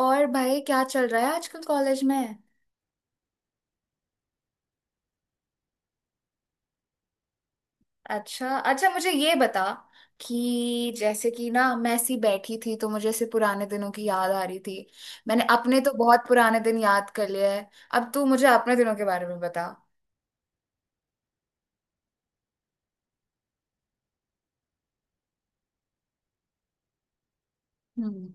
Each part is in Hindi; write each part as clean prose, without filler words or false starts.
और भाई, क्या चल रहा है आजकल कॉलेज में। अच्छा अच्छा, मुझे ये बता कि जैसे कि ना, मैं ऐसी बैठी थी तो मुझे ऐसे पुराने दिनों की याद आ रही थी। मैंने अपने तो बहुत पुराने दिन याद कर लिए हैं। अब तू मुझे अपने दिनों के बारे में बता। हम्म।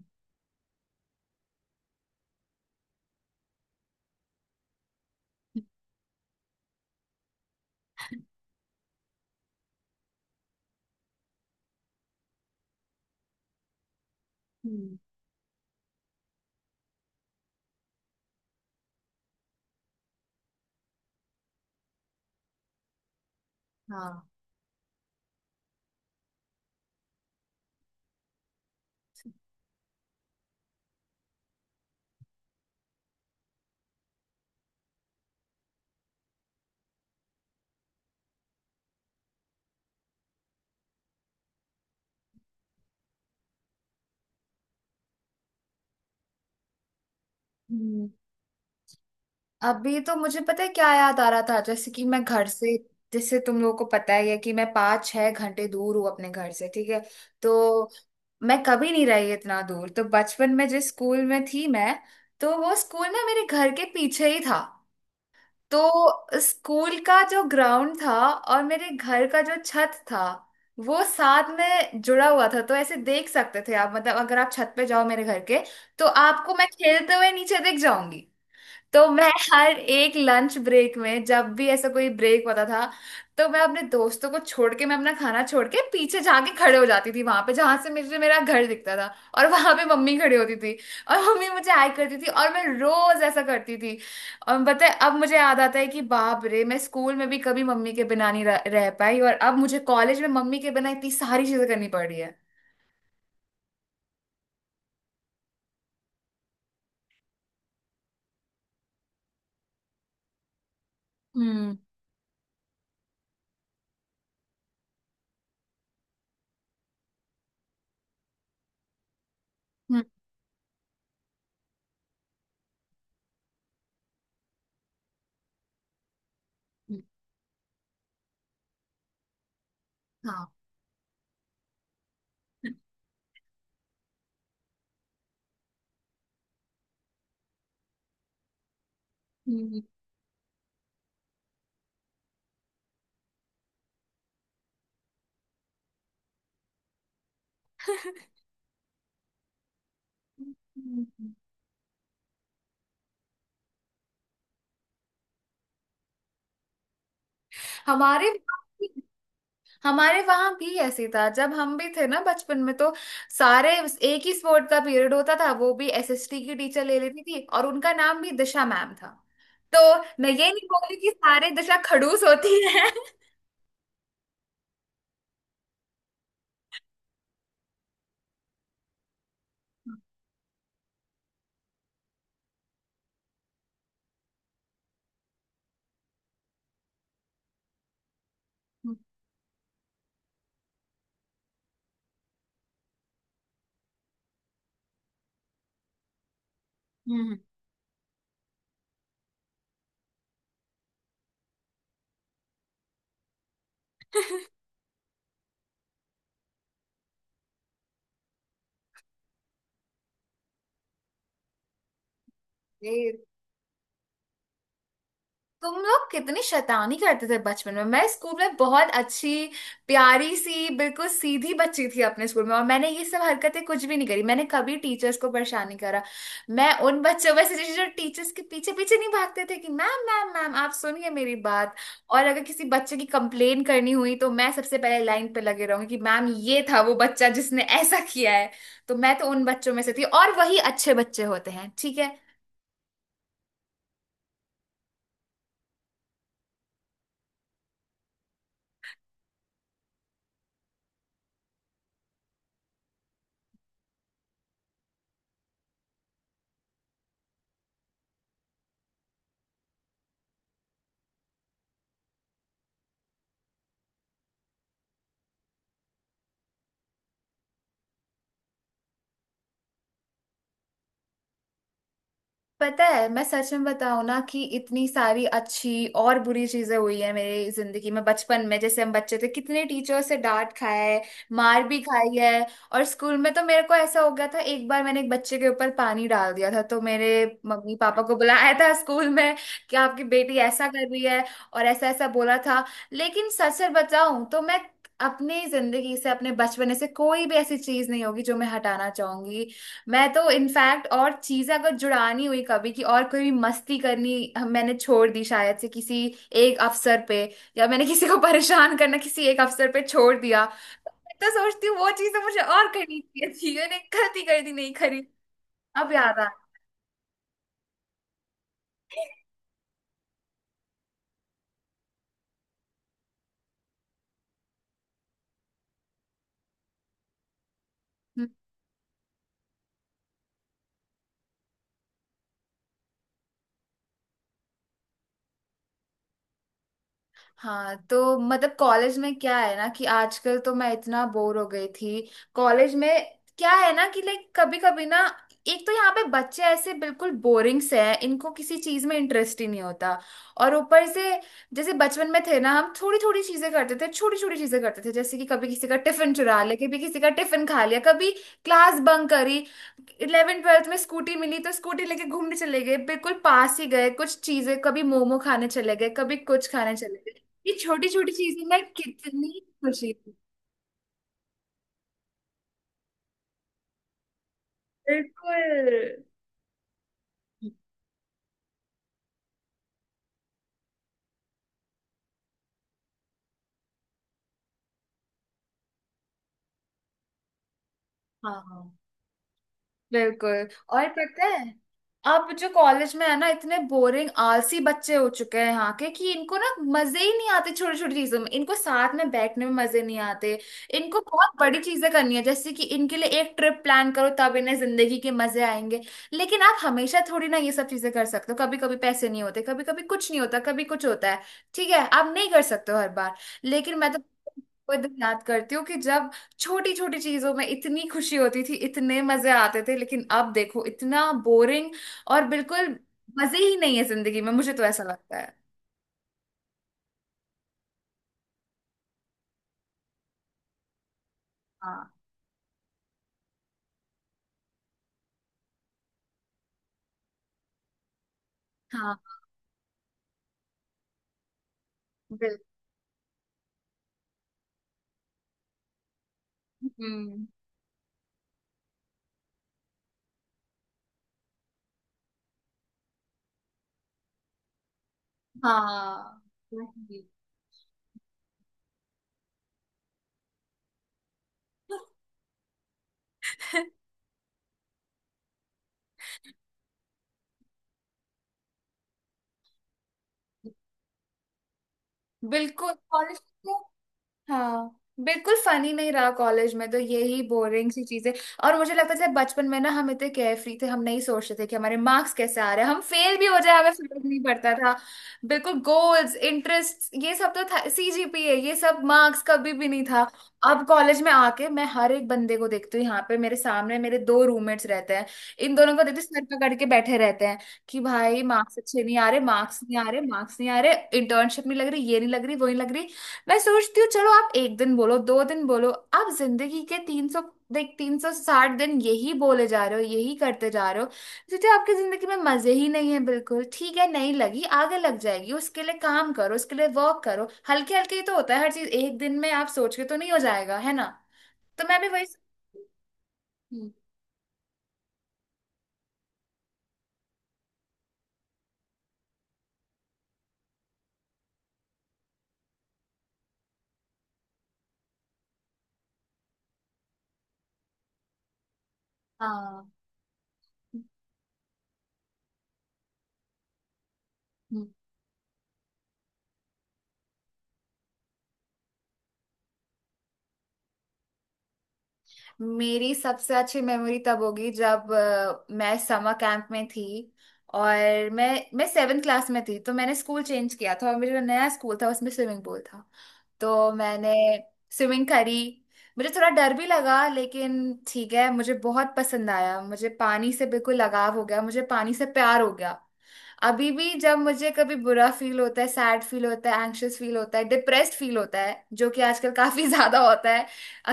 हम्म। हाँ। अभी तो मुझे पता है क्या याद आ रहा था, जैसे कि मैं घर से, जैसे तुम लोगों को पता ही है कि मैं 5 6 घंटे दूर हूँ अपने घर से, ठीक है। तो मैं कभी नहीं रही इतना दूर, तो बचपन में जिस स्कूल में थी मैं, तो वो स्कूल ना मेरे घर के पीछे ही था। तो स्कूल का जो ग्राउंड था और मेरे घर का जो छत था, वो साथ में जुड़ा हुआ था। तो ऐसे देख सकते थे आप, मतलब अगर आप छत पे जाओ मेरे घर के, तो आपको मैं खेलते हुए नीचे दिख जाऊंगी। तो मैं हर एक लंच ब्रेक में, जब भी ऐसा कोई ब्रेक होता था, तो मैं अपने दोस्तों को छोड़ के, मैं अपना खाना छोड़ के पीछे जाके खड़े हो जाती थी वहां पे जहां से मुझे मेरा घर दिखता था। और वहां पे मम्मी खड़ी होती थी, और मम्मी मुझे हाय करती थी, और मैं रोज ऐसा करती थी। और बताए, अब मुझे याद आता है कि बाप रे, मैं स्कूल में भी कभी मम्मी के बिना नहीं रह पाई, और अब मुझे कॉलेज में मम्मी के बिना इतनी सारी चीजें करनी पड़ रही है। हम्म। हम्म। हम्म। हाँ। हम्म। हमारे हमारे वहां भी ऐसे था जब हम भी थे ना बचपन में। तो सारे, एक ही स्पोर्ट का पीरियड होता था, वो भी एसएसटी की टीचर ले लेती थी, और उनका नाम भी दिशा मैम था। तो मैं ये नहीं बोल रही कि सारे दिशा खड़ूस होती है। हम्म। हम्म। हम्म। तुम लोग कितनी शैतानी करते थे बचपन में। मैं स्कूल में बहुत अच्छी, प्यारी सी, बिल्कुल सीधी बच्ची थी अपने स्कूल में, और मैंने ये सब हरकतें कुछ भी नहीं करी। मैंने कभी टीचर्स को परेशान नहीं करा। मैं उन बच्चों में से थी जो टीचर्स के पीछे पीछे नहीं भागते थे कि मैम मैम मैम आप सुनिए मेरी बात। और अगर किसी बच्चे की कंप्लेन करनी हुई, तो मैं सबसे पहले लाइन पे लगे रहूंगी कि मैम, ये था वो बच्चा जिसने ऐसा किया है। तो मैं तो उन बच्चों में से थी, और वही अच्छे बच्चे होते हैं, ठीक है। पता है, मैं सच में बताऊं ना कि इतनी सारी अच्छी और बुरी चीजें हुई है मेरी जिंदगी में बचपन में। जैसे हम बच्चे थे, कितने टीचर से डांट खाया है, मार भी खाई है। और स्कूल में तो मेरे को ऐसा हो गया था, एक बार मैंने एक बच्चे के ऊपर पानी डाल दिया था, तो मेरे मम्मी पापा को बुलाया था स्कूल में कि आपकी बेटी ऐसा कर रही है, और ऐसा ऐसा बोला था। लेकिन सच सच बताऊं तो मैं अपनी जिंदगी से, अपने बचपने से कोई भी ऐसी चीज नहीं होगी जो मैं हटाना चाहूंगी। मैं तो इनफैक्ट और चीजें अगर जुड़ानी हुई कभी कि और कोई भी मस्ती करनी मैंने छोड़ दी शायद से किसी एक अवसर पे, या मैंने किसी को परेशान करना किसी एक अवसर पे छोड़ दिया। मैं तो सोचती हूँ वो चीजें मुझे और करनी चाहिए थी, मैंने गलती कर दी, नहीं करी। अब याद आ हाँ। तो मतलब कॉलेज में क्या है ना कि आजकल तो मैं इतना बोर हो गई थी कॉलेज में। क्या है ना कि लाइक कभी कभी ना, एक तो यहाँ पे बच्चे ऐसे बिल्कुल बोरिंग से हैं, इनको किसी चीज में इंटरेस्ट ही नहीं होता। और ऊपर से, जैसे बचपन में थे ना, हम थोड़ी थोड़ी चीजें करते थे, छोटी छोटी चीजें करते थे। जैसे कि कभी किसी का टिफिन चुरा लिया, कभी किसी का टिफिन खा लिया, कभी क्लास बंक करी, 11th 12th में स्कूटी मिली तो स्कूटी लेके घूमने चले गए, बिल्कुल पास ही गए कुछ चीजें, कभी मोमो खाने चले गए, कभी कुछ खाने चले गए। ये छोटी छोटी चीजें ना कितनी खुशी देती हैं। बिल्कुल। हाँ, बिल्कुल। और पता है, अब जो कॉलेज में है ना, इतने बोरिंग आलसी बच्चे हो चुके हैं यहाँ के कि इनको ना मजे ही नहीं आते छोटी छोटी चीजों में, इनको साथ में बैठने में मजे नहीं आते। इनको बहुत बड़ी चीजें करनी है, जैसे कि इनके लिए एक ट्रिप प्लान करो तब इन्हें जिंदगी के मजे आएंगे। लेकिन आप हमेशा थोड़ी ना ये सब चीजें कर सकते हो, कभी कभी पैसे नहीं होते, कभी कभी कुछ नहीं होता, कभी कुछ होता है, ठीक है आप नहीं कर सकते हो हर बार। लेकिन मैं तो वो दिन याद करती हूँ कि जब छोटी छोटी चीजों में इतनी खुशी होती थी, इतने मजे आते थे, लेकिन अब देखो इतना बोरिंग, और बिल्कुल मजे ही नहीं है जिंदगी में, मुझे तो ऐसा लगता है। हाँ। हाँ, बिल्कुल। हम्म। हाँ। वही। बिल्कुल। कॉलेज, हाँ, बिल्कुल फनी नहीं रहा कॉलेज में, तो यही बोरिंग सी चीजें। और मुझे लगता था बचपन में ना, हम इतने केयरफ्री थे, हम नहीं सोचते थे कि हमारे मार्क्स कैसे आ रहे हैं, हम फेल भी हो जाए हमें फर्क नहीं पड़ता था। बिल्कुल, गोल्स, इंटरेस्ट, ये सब तो था, सीजीपीए, ये सब मार्क्स कभी भी नहीं था। अब कॉलेज में आके मैं हर एक बंदे को देखती हूँ यहाँ पे। मेरे सामने मेरे दो रूममेट्स रहते हैं, इन दोनों को देखती हूँ, सर पकड़ के बैठे रहते हैं कि भाई मार्क्स अच्छे नहीं आ रहे, मार्क्स नहीं आ रहे, मार्क्स नहीं आ रहे, इंटर्नशिप नहीं लग रही, ये नहीं लग रही, वो नहीं लग रही। मैं सोचती हूँ चलो आप एक दिन बोलो, दो दिन बोलो, आप जिंदगी के 300, देख, 360 दिन यही बोले जा रहे हो, यही करते जा रहे हो। सीधे आपकी जिंदगी में मजे ही नहीं है, बिल्कुल। ठीक है नहीं लगी, आगे लग जाएगी, उसके लिए काम करो, उसके लिए वर्क करो, हल्के हल्के ही तो होता है हर चीज, एक दिन में आप सोच के तो नहीं हो जाएगा, है ना। तो मैं भी वही। हम्म। हाँ। हम्म। मेरी सबसे अच्छी मेमोरी तब होगी जब मैं समर कैंप में थी, और मैं सेवेंथ क्लास में थी, तो मैंने स्कूल चेंज किया था और मेरा जो नया स्कूल था उसमें स्विमिंग पूल था। तो मैंने स्विमिंग करी, मुझे थोड़ा डर भी लगा लेकिन ठीक है, मुझे बहुत पसंद आया, मुझे पानी से बिल्कुल लगाव हो गया, मुझे पानी से प्यार हो गया। अभी भी जब मुझे कभी बुरा फील होता है, सैड फील होता है, एंग्शियस फील होता है, डिप्रेस्ड फील होता है, जो कि आजकल काफी ज्यादा होता है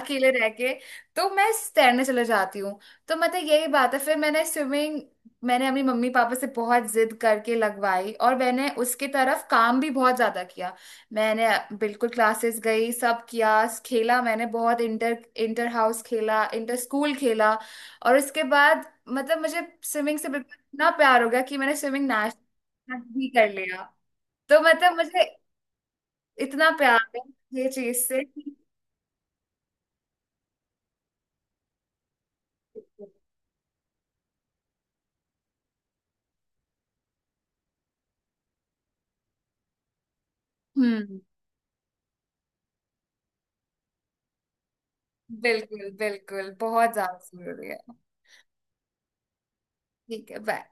अकेले रह के, तो मैं तैरने चले जाती हूँ। तो मतलब यही बात है। फिर मैंने स्विमिंग, मैंने अपनी मम्मी पापा से बहुत जिद करके लगवाई, और मैंने उसके तरफ काम भी बहुत ज्यादा किया। मैंने बिल्कुल क्लासेस गई, सब किया, खेला मैंने बहुत, इंटर इंटर हाउस खेला, इंटर स्कूल खेला। और उसके बाद मतलब मुझे स्विमिंग से बिल्कुल इतना प्यार हो गया कि मैंने स्विमिंग नेशनल भी कर लिया। तो मतलब मुझे इतना प्यार है ये चीज से। हम्म। बिल्कुल, बिल्कुल बहुत ज्यादा जरूरी है। ठीक है, बाय।